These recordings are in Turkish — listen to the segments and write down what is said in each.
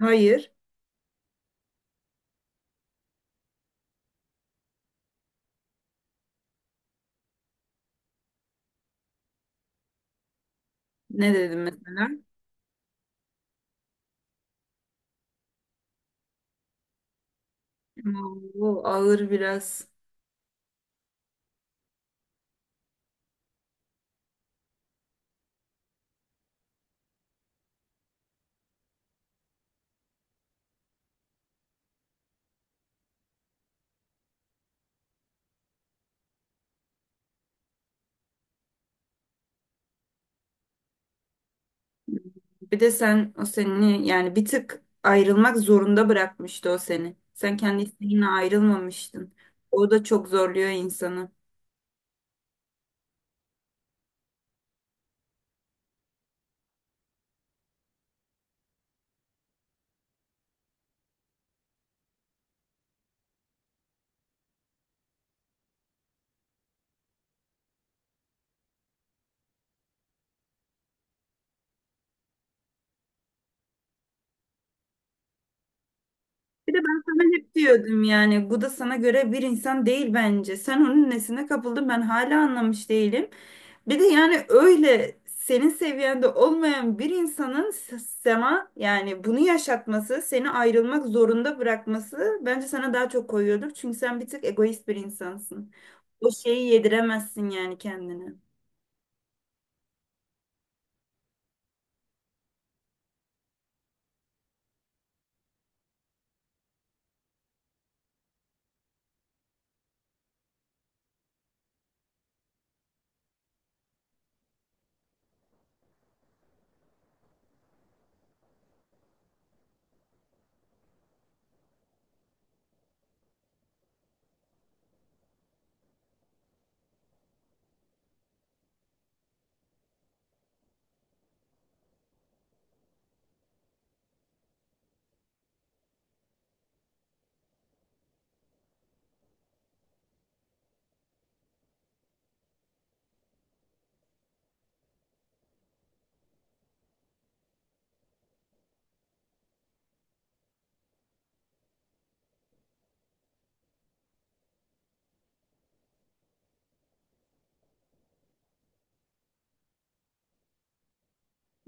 Hayır. Ne dedim mesela? Bu ağır biraz. Bir de sen o seni yani bir tık ayrılmak zorunda bırakmıştı o seni. Sen kendi isteğinle ayrılmamıştın. O da çok zorluyor insanı. Bir de ben sana hep diyordum yani bu da sana göre bir insan değil bence. Sen onun nesine kapıldın ben hala anlamış değilim. Bir de yani öyle senin seviyende olmayan bir insanın sana yani bunu yaşatması, seni ayrılmak zorunda bırakması bence sana daha çok koyuyordur. Çünkü sen bir tık egoist bir insansın. O şeyi yediremezsin yani kendine.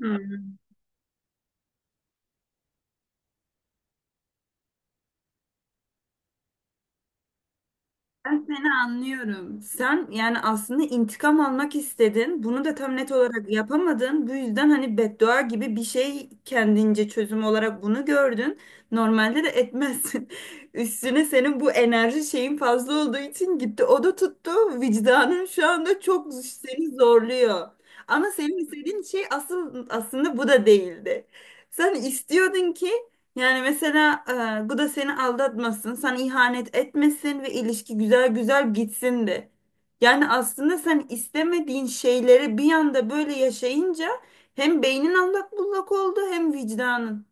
Hı. Ben seni anlıyorum. Sen yani aslında intikam almak istedin. Bunu da tam net olarak yapamadın. Bu yüzden hani beddua gibi bir şey kendince çözüm olarak bunu gördün. Normalde de etmezsin. Üstüne senin bu enerji şeyin fazla olduğu için gitti. O da tuttu. Vicdanın şu anda çok seni zorluyor. Ama senin istediğin şey asıl aslında bu da değildi. Sen istiyordun ki yani mesela bu da seni aldatmasın, sana ihanet etmesin ve ilişki güzel güzel gitsin de. Yani aslında sen istemediğin şeyleri bir anda böyle yaşayınca hem beynin allak bullak oldu hem vicdanın.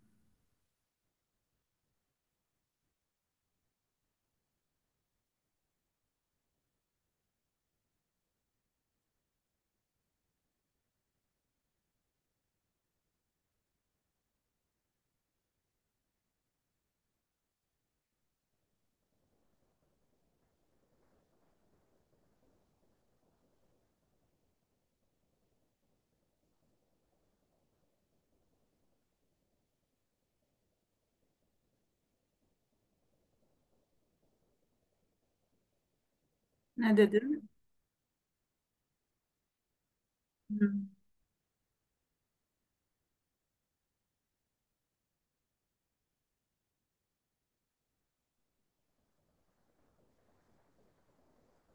Ne dedin? Hı.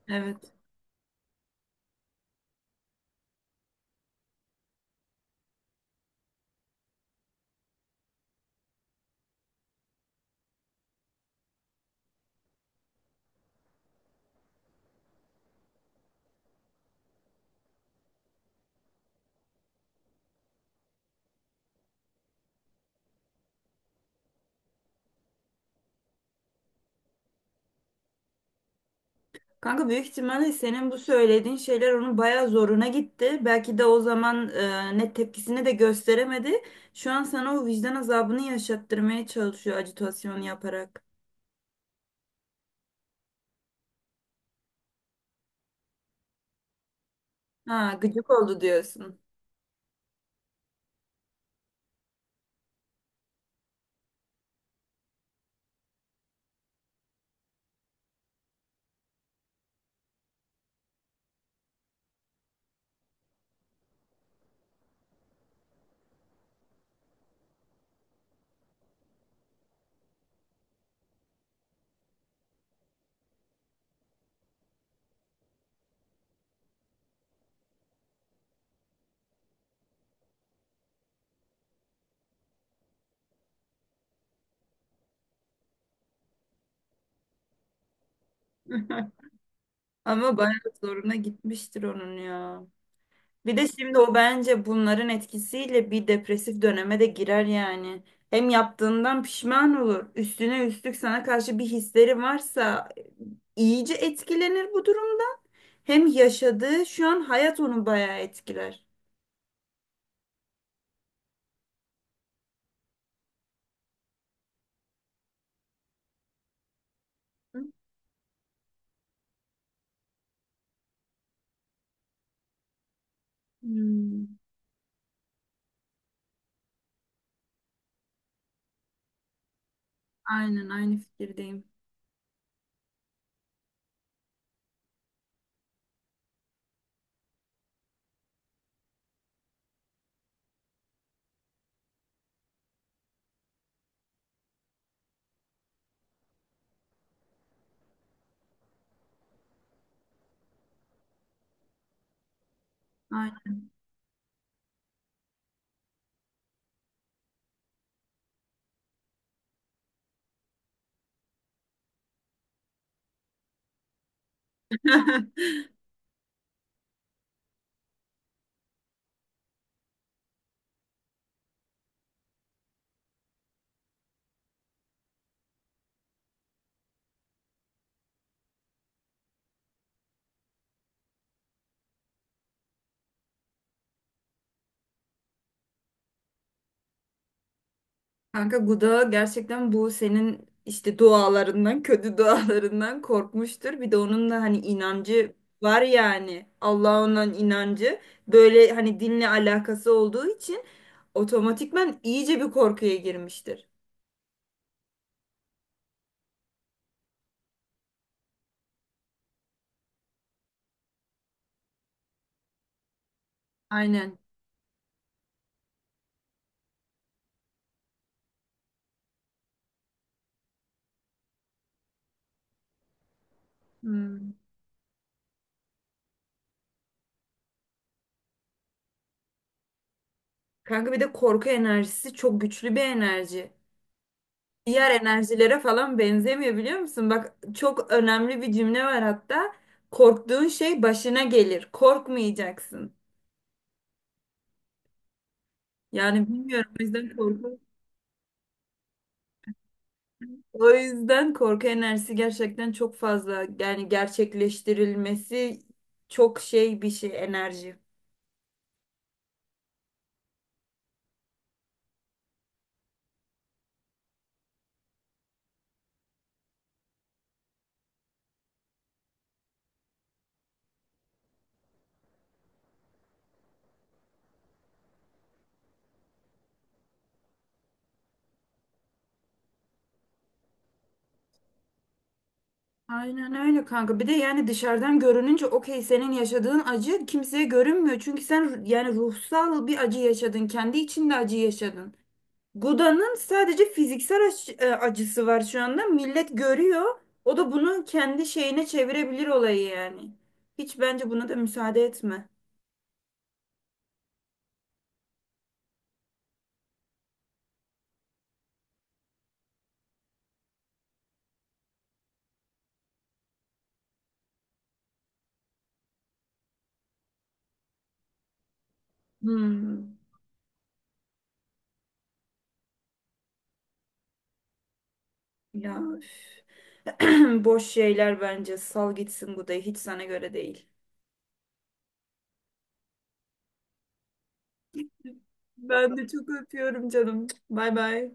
Evet. Kanka büyük ihtimalle senin bu söylediğin şeyler onun bayağı zoruna gitti. Belki de o zaman net tepkisini de gösteremedi. Şu an sana o vicdan azabını yaşattırmaya çalışıyor ajitasyon yaparak. Ha, gıcık oldu diyorsun. Ama bayağı zoruna gitmiştir onun ya. Bir de şimdi o bence bunların etkisiyle bir depresif döneme de girer yani. Hem yaptığından pişman olur. Üstüne üstlük sana karşı bir hisleri varsa iyice etkilenir bu durumda. Hem yaşadığı şu an hayat onu bayağı etkiler. Hmm, aynen aynı fikirdeyim. Kanka Guda gerçekten bu senin işte dualarından, kötü dualarından korkmuştur. Bir de onun da hani inancı var yani. Allah'a olan inancı böyle hani dinle alakası olduğu için otomatikman iyice bir korkuya girmiştir. Aynen. Hmm. Kanka bir de korku enerjisi çok güçlü bir enerji. Diğer enerjilere falan benzemiyor biliyor musun? Bak çok önemli bir cümle var hatta. Korktuğun şey başına gelir. Korkmayacaksın. Yani bilmiyorum o yüzden korku enerjisi gerçekten çok fazla yani gerçekleştirilmesi çok şey bir şey enerji. Aynen öyle kanka. Bir de yani dışarıdan görününce okey senin yaşadığın acı kimseye görünmüyor. Çünkü sen yani ruhsal bir acı yaşadın. Kendi içinde acı yaşadın. Guda'nın sadece fiziksel acısı var şu anda. Millet görüyor. O da bunu kendi şeyine çevirebilir olayı yani. Hiç bence buna da müsaade etme. Hmm. Ya üf. Boş şeyler bence. Sal gitsin bu da hiç sana göre değil. Ben de çok öpüyorum canım. Bay bay.